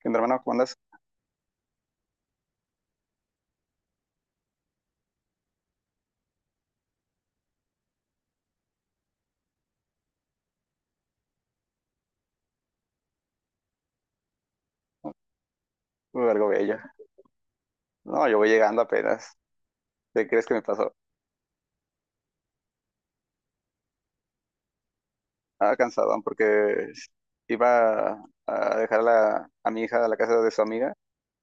¿Qué onda, hermano? ¿Cómo andas? Algo bello. No, yo voy llegando apenas. ¿Qué crees que me pasó? Ah, cansadón porque iba a dejar a mi hija a la casa de su amiga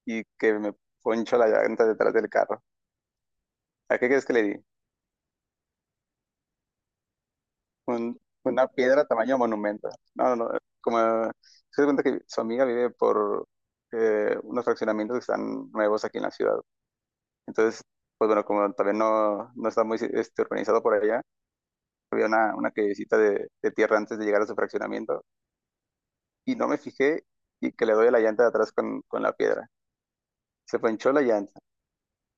y que me poncho la llanta detrás del carro. ¿A qué crees que le di? Una piedra tamaño monumento. No, no, no. Como se da cuenta que su amiga vive por unos fraccionamientos que están nuevos aquí en la ciudad. Entonces, pues bueno, como también no está muy este, organizado por allá. Había una callecita de tierra antes de llegar a su fraccionamiento y no me fijé y que le doy a la llanta de atrás con la piedra. Se ponchó la llanta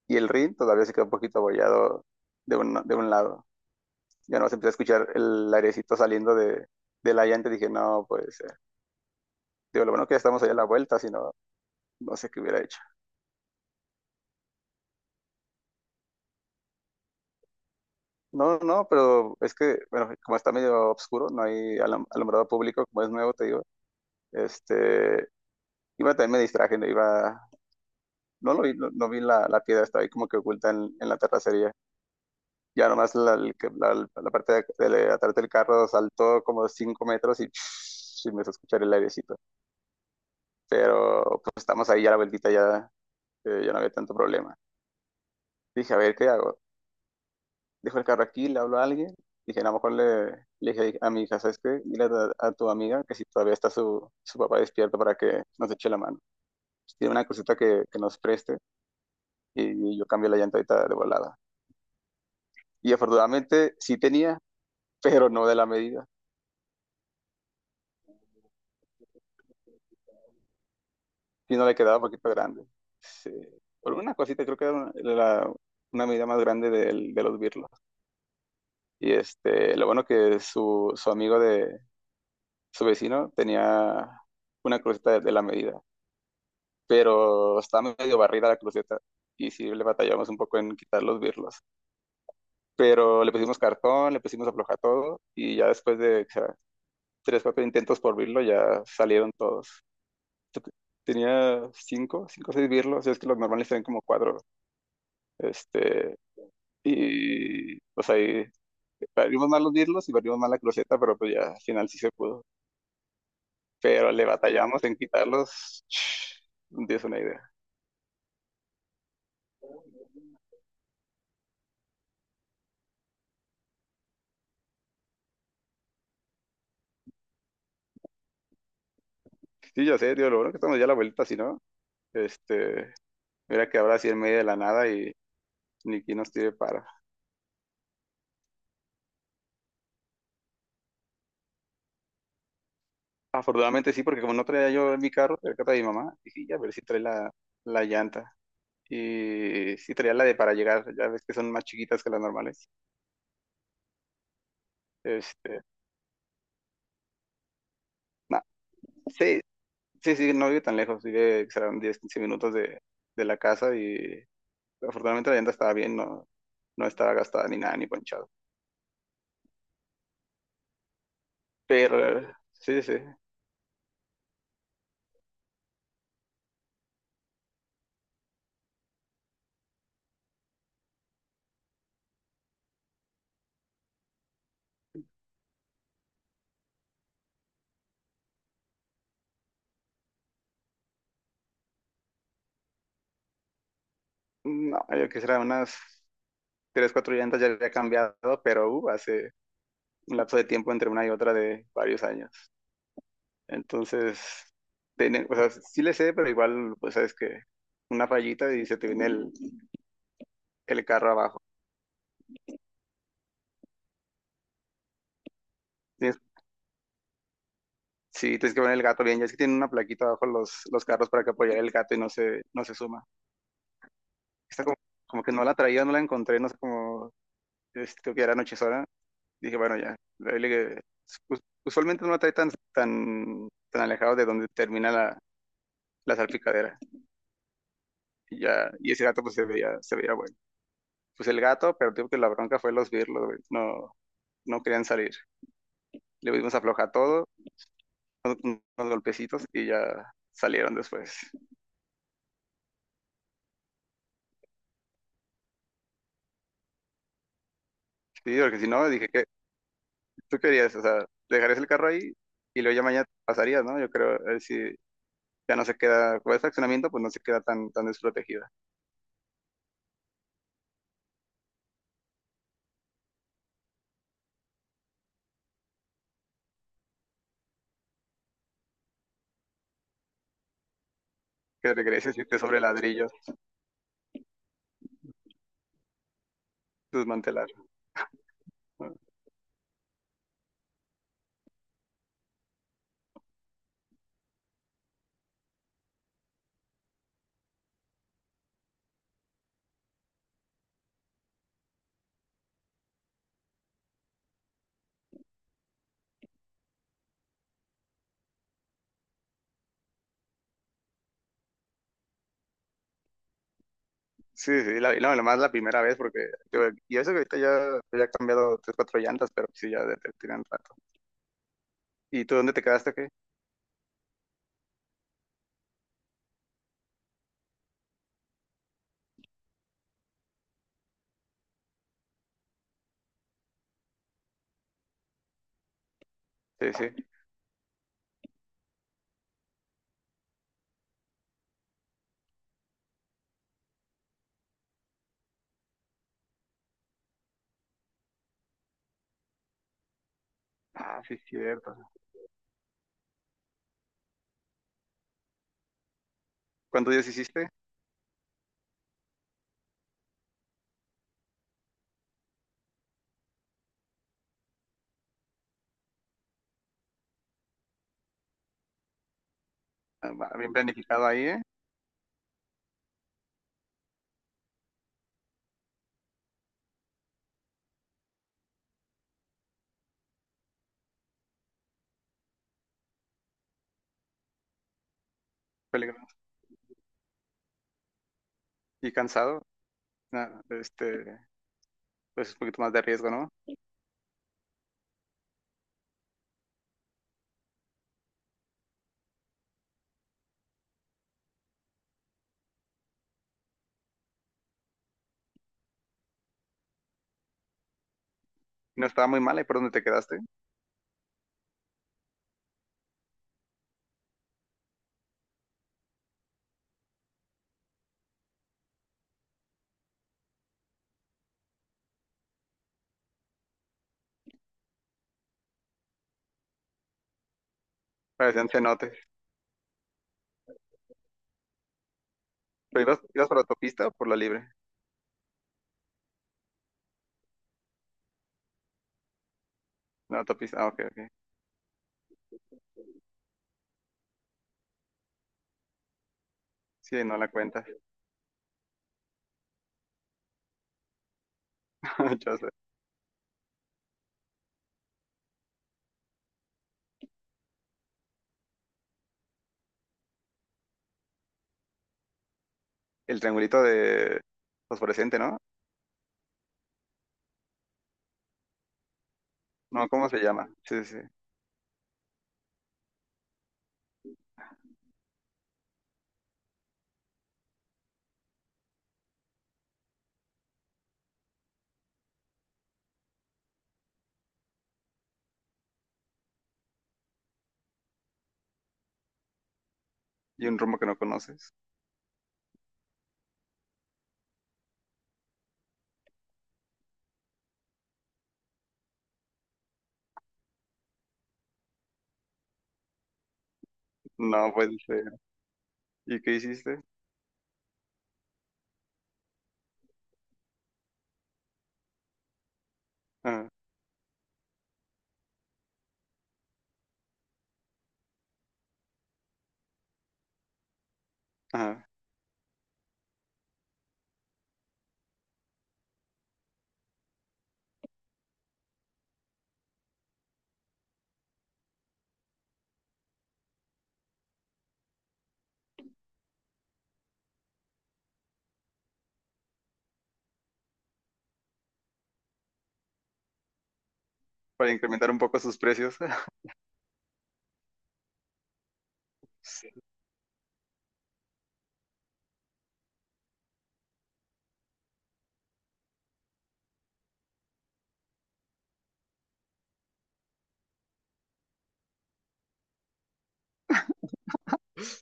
y el rin todavía se quedó un poquito abollado de un lado. Ya no se empezó a escuchar el airecito saliendo de la llanta y dije, no, puede ser. Digo, lo bueno que ya estamos allá a la vuelta, si no, no sé qué hubiera hecho. No, no, pero es que, bueno, como está medio oscuro, no hay alumbrado público, como es nuevo, te digo, este, iba, también me distraje, ¿no? iba No lo vi, no, no vi la piedra, estaba ahí como que oculta en la terracería. Ya nomás la, el que- la- la parte de atrás del carro saltó como 5 metros y me hizo escuchar el airecito. Pero pues estamos ahí ya la vueltita, ya no había tanto problema. Dije, a ver, ¿qué hago? Dejo el carro aquí, le hablo a alguien. Dije, a lo mejor, le dije a mi hija, ¿sabes qué? Dile a tu amiga que si todavía está su papá despierto para que nos eche la mano. Si tiene una cosita que nos preste y yo cambio la llanta ahorita de volada. Y afortunadamente sí tenía, pero no de la medida, sino le quedaba un poquito grande. Sí. Por una cosita, creo que era una medida más grande de los birlos. Y este, lo bueno que su amigo de su vecino tenía una cruceta de la medida, pero estaba medio barrida la cruceta. Y sí, le batallamos un poco en quitar los birlos. Pero le pusimos cartón, le pusimos afloja todo, y ya después de, o sea, tres, cuatro intentos por birlo, ya salieron todos. Tenía cinco, cinco o seis birlos, es que los normales tienen como cuatro. Este, y pues ahí parimos mal los birlos y parimos mal la cruceta, pero pues ya al final sí se pudo. Pero le batallamos en quitarlos. No tienes una idea. Sí, ya sé, tío, lo bueno que estamos ya a la vuelta, si no, este, mira que ahora sí en medio de la nada y ni quien nos tire para. Afortunadamente sí, porque como no traía yo en mi carro, traía el carro de mi mamá, dije, ya a ver si trae la llanta. Y sí traía la de para llegar, ya ves que son más chiquitas que las normales. Este, no, sí, sí, sí, no vive tan lejos, vive, serán 10, 15 minutos de la casa, y afortunadamente la llanta estaba bien, no, no estaba gastada ni nada, ni ponchado. Pero sí, sí, no, yo quisiera unas 3, 4 llantas ya había cambiado, pero hace un lapso de tiempo entre una y otra de varios años. Entonces, o sea, sí le sé, pero igual, pues sabes que una fallita y se te viene el carro abajo. Tienes- sí, tienes que poner el gato bien, ya es que tienen una plaquita abajo los carros para que apoyar el gato y no se suma. Esta como que no la traía, no la encontré, no sé cómo, este, creo que era anochezona. Dije, bueno, ya. Ahí le- Usualmente no la trae tan, tan, tan alejado de donde termina la salpicadera. Y ya, y ese gato pues se veía bueno. Pues el gato, pero digo que la bronca fue los birlos, güey. No, no querían salir. Le dimos afloja todo, unos golpecitos y ya salieron después. Sí, porque si no, dije que tú querías, o sea, dejarías el carro ahí y luego ya mañana pasarías, ¿no? Yo creo, a ver si ya no se queda, con ese accionamiento, pues no se queda tan, tan desprotegida. Que regreses y esté sobre ladrillos, desmantelar. Sí, sí, la, y no, nomás la primera vez, porque yo, y eso que ahorita ya he cambiado tres, cuatro llantas, pero sí, ya te tiran rato. ¿Y tú dónde te quedaste, qué? Sí, sí. Ah, sí, cierto. ¿Cuántos días hiciste? Ah, va, bien planificado ahí, ¿eh? Peligroso. ¿Y cansado? Ah, este, pues un poquito más de riesgo, ¿no? No estaba muy mal, ¿y por dónde te quedaste? Parecían cenotes. ¿Pero ibas por la autopista o por la libre? La autopista, ah, ok, ok. Sí, no la cuentas. Ya sé. El triangulito de fosforescente, ¿no? No, ¿cómo se llama? Sí, sí, sí. Y un rumbo que no conoces. No puede ser. ¿Y qué hiciste? Ajá, ajá. Para incrementar un poco sus precios. Sí,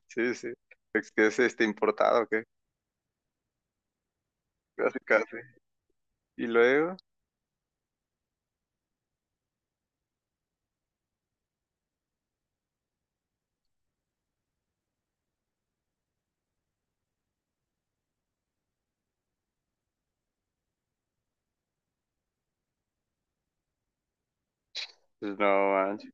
sí, sí. Es que es este importado, ¿o qué? Casi, casi. Y luego, pues, no manches.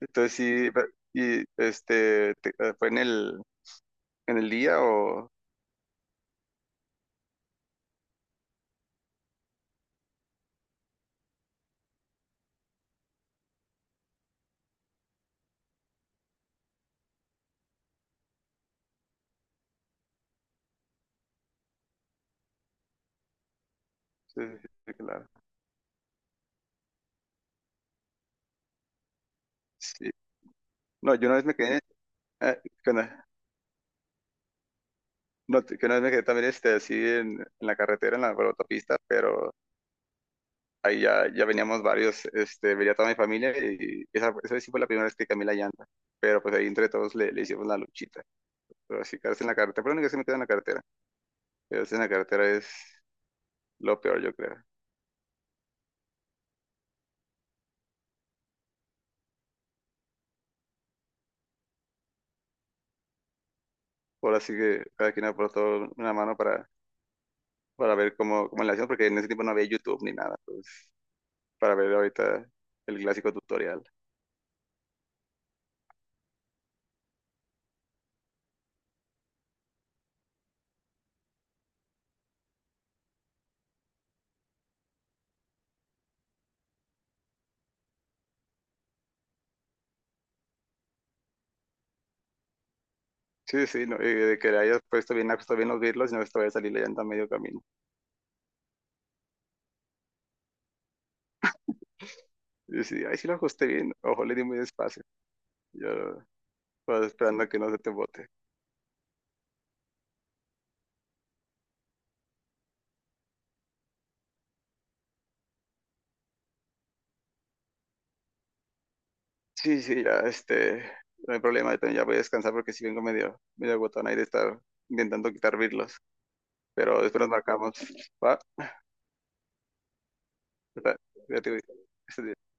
Entonces sí, y este, ¿fue en el día o? Sí, sí, sí, claro. Sí. No, yo una vez me quedé, ¿qué onda? No, que una vez me quedé también este, así en la carretera, en la, autopista, pero ahí ya veníamos varios, este, venía toda mi familia y esa vez sí fue la primera vez que cambié la llanta, pero pues ahí entre todos le hicimos la luchita, pero así quedarse en la carretera, pero lo único que se me queda en la carretera, quedarse en la carretera es lo peor yo creo, ahora sí que cada quien aportó una mano para ver cómo le hacían, porque en ese tiempo no había YouTube ni nada, pues para ver ahorita el clásico tutorial. Sí, sí, no, y de que le hayas puesto bien, ajustado bien los birlos y no esta a salir la llanta a medio camino. Y yo sí, ay, sí lo ajusté bien, ojo, le di muy despacio. Yo estaba esperando que no se te bote. Sí, sí, ya, este, no hay problema, yo también ya voy a descansar porque si vengo medio, medio agotado ahí de estar intentando quitar birlos. Pero después nos marcamos, ¿va? Está- ya te voy. Este-